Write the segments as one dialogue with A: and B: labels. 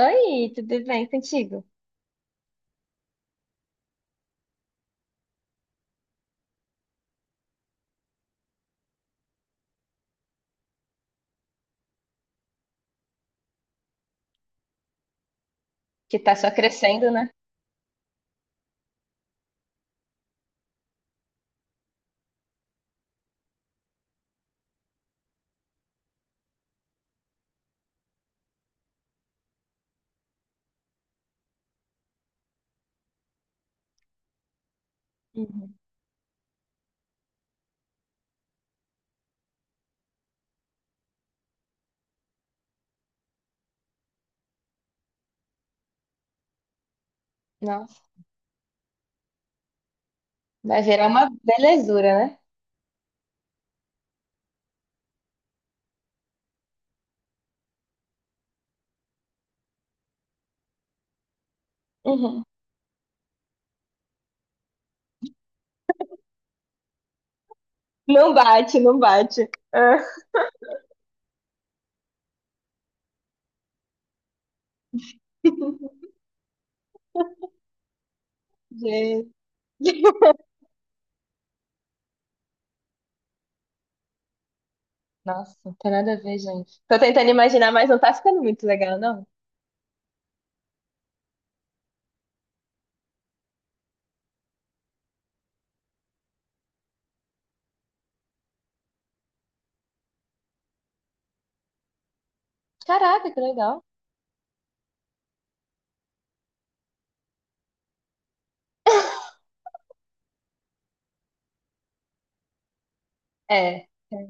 A: Oi, tudo bem contigo? Que tá só crescendo, né? Uhum. Nossa. Vai virar uma belezura, né? Uhum. Não bate, não bate. Ah. Gente. Nossa, não tem nada a ver, gente. Tô tentando imaginar, mas não tá ficando muito legal, não. Caraca, que legal. É. É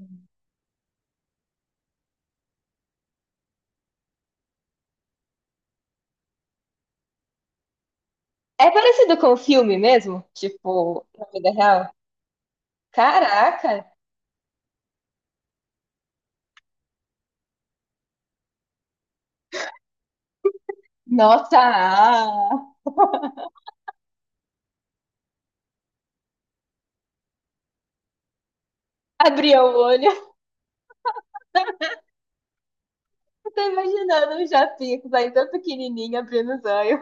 A: É parecido com o filme mesmo? Tipo, na vida real? Caraca! Nossa! Ah! Abri o olho. Tô imaginando um Japix aí tão pequenininho abrindo os olhos.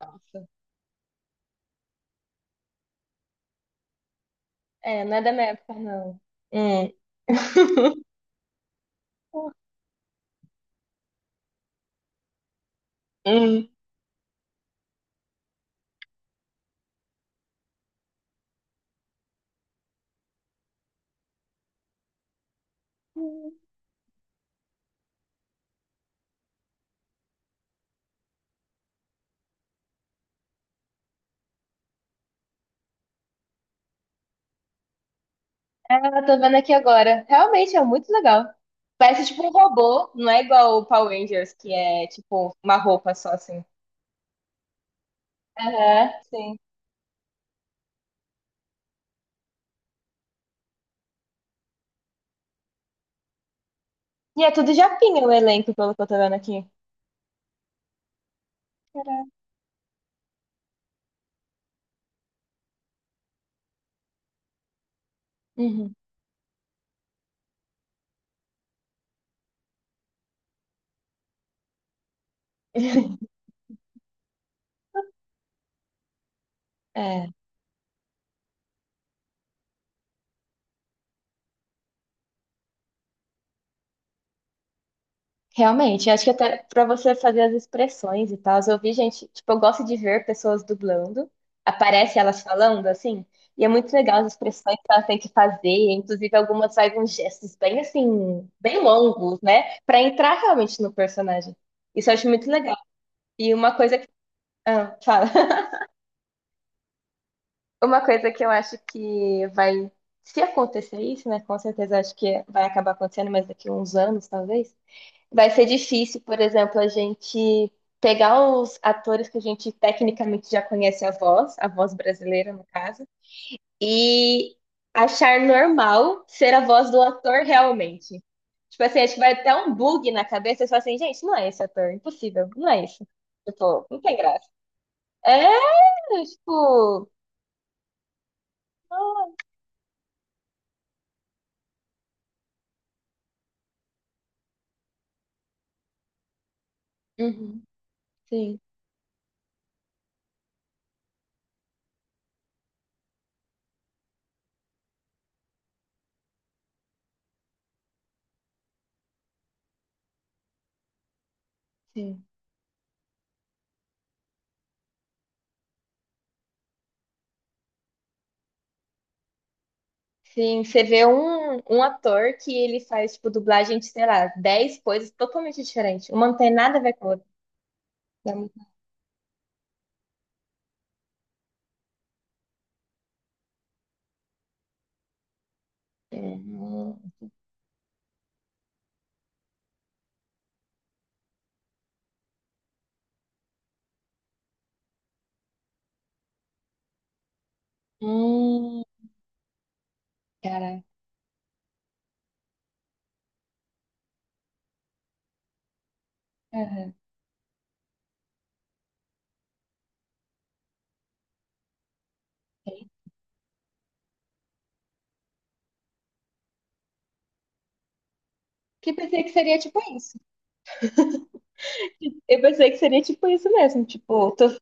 A: Nossa. É, não é da minha época, não. Hum. Hum. Ah, tô vendo aqui agora. Realmente é muito legal. Parece tipo um robô, não é igual o Power Rangers, que é tipo uma roupa só assim. Aham, sim. E é tudo japinha o elenco, pelo que eu tô vendo aqui. Caraca. Uhum. É. Realmente, acho que até para você fazer as expressões e tal, eu vi gente, tipo, eu gosto de ver pessoas dublando, aparece elas falando assim, e é muito legal as expressões que elas têm que fazer, inclusive algumas fazem uns gestos bem assim, bem longos, né, para entrar realmente no personagem. Isso eu acho muito legal. E uma coisa que, ah, fala. Uma coisa que eu acho que vai, se acontecer isso, né, com certeza acho que vai acabar acontecendo, mas daqui a uns anos, talvez vai ser difícil, por exemplo, a gente pegar os atores que a gente tecnicamente já conhece a voz brasileira, no caso, e achar normal ser a voz do ator realmente. Tipo assim, acho que vai até um bug na cabeça, e fala assim, gente, não é esse ator, impossível, não é isso. Tipo, não tem graça. É, tipo. Ah, uhum, sim, sim. Sim, você vê um, um ator que ele faz, tipo, dublagem de, sei lá, 10 coisas totalmente diferentes. Uma não tem nada a ver com a outra. Dá muito- Hum, hum, cara. Aham. Que pensei que seria tipo isso. Eu pensei que seria tipo isso mesmo. Tipo, tu,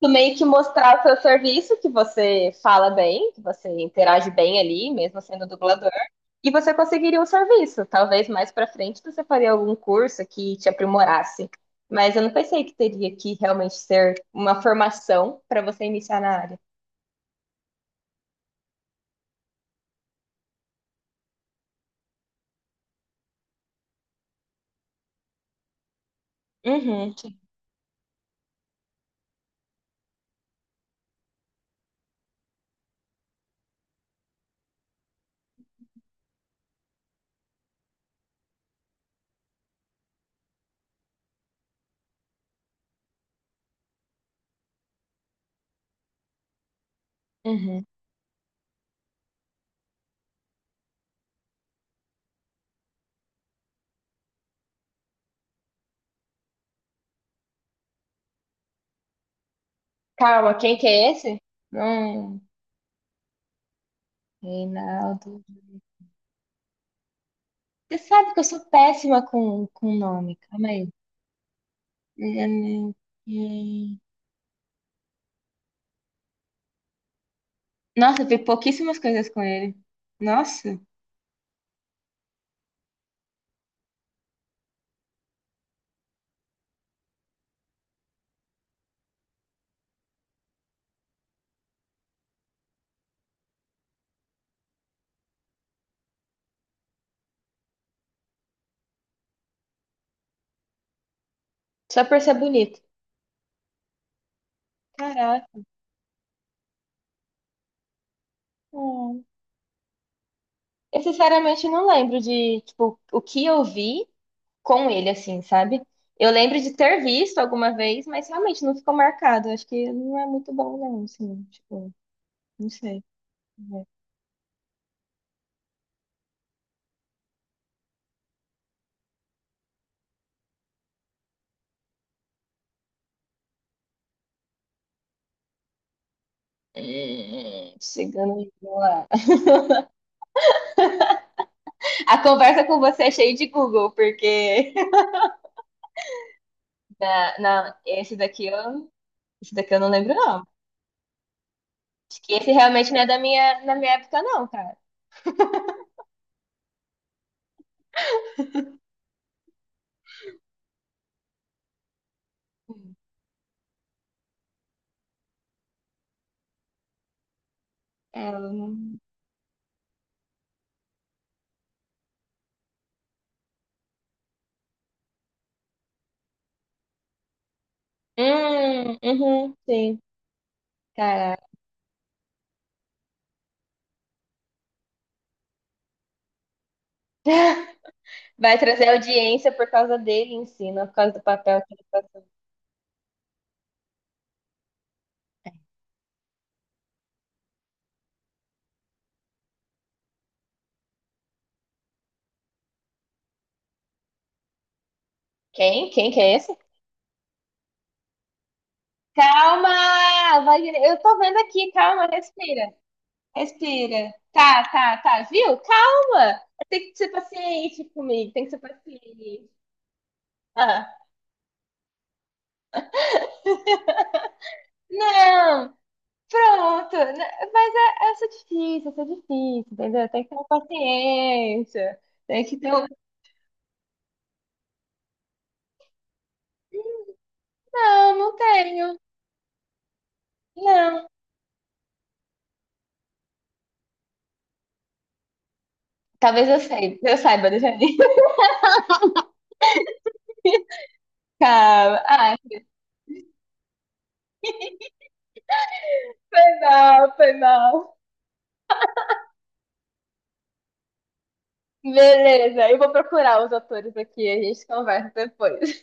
A: tu meio que mostrar o seu serviço, que você fala bem, que você interage bem ali, mesmo sendo dublador. E você conseguiria um serviço. Talvez mais para frente você faria algum curso que te aprimorasse. Mas eu não pensei que teria que realmente ser uma formação para você iniciar na área. Uhum, uhum. Calma, quem que é esse? Hum, Reinaldo. Você sabe que eu sou péssima com nome. Calma aí. Hum, hum. Nossa, eu vi pouquíssimas coisas com ele. Nossa, só por ser bonito. Caraca. Hum. Eu sinceramente não lembro de, tipo, o que eu vi com ele, assim, sabe? Eu lembro de ter visto alguma vez, mas realmente não ficou marcado. Acho que não é muito bom, não, assim, tipo, não sei. Chegando aí, vamos lá. A conversa com você é cheia de Google, porque na, na- esse daqui eu não lembro, não. Acho que esse realmente não é da minha, na minha época, não, cara. É, eu não- uhum, sim, cara. Vai trazer audiência por causa dele em si, não por causa do papel que ele faz. Quem? Quem que é esse? Calma, Wagner. Eu tô vendo aqui, calma, respira. Respira. Tá, tá, tá, viu? Calma. Tem que ser paciente comigo, tem que ser paciente. Ah. Não, pronto. N- Mas essa é difícil, essa é difícil, entendeu? Tem que ter uma paciência. Tem que ter um... Não, não tenho. Não. Talvez eu saiba, deixa eu ver. Calma. Ah, foi mal, foi mal. Beleza, eu vou procurar os atores aqui, a gente conversa depois.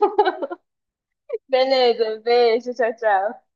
A: Beleza, beijo, tchau, tchau.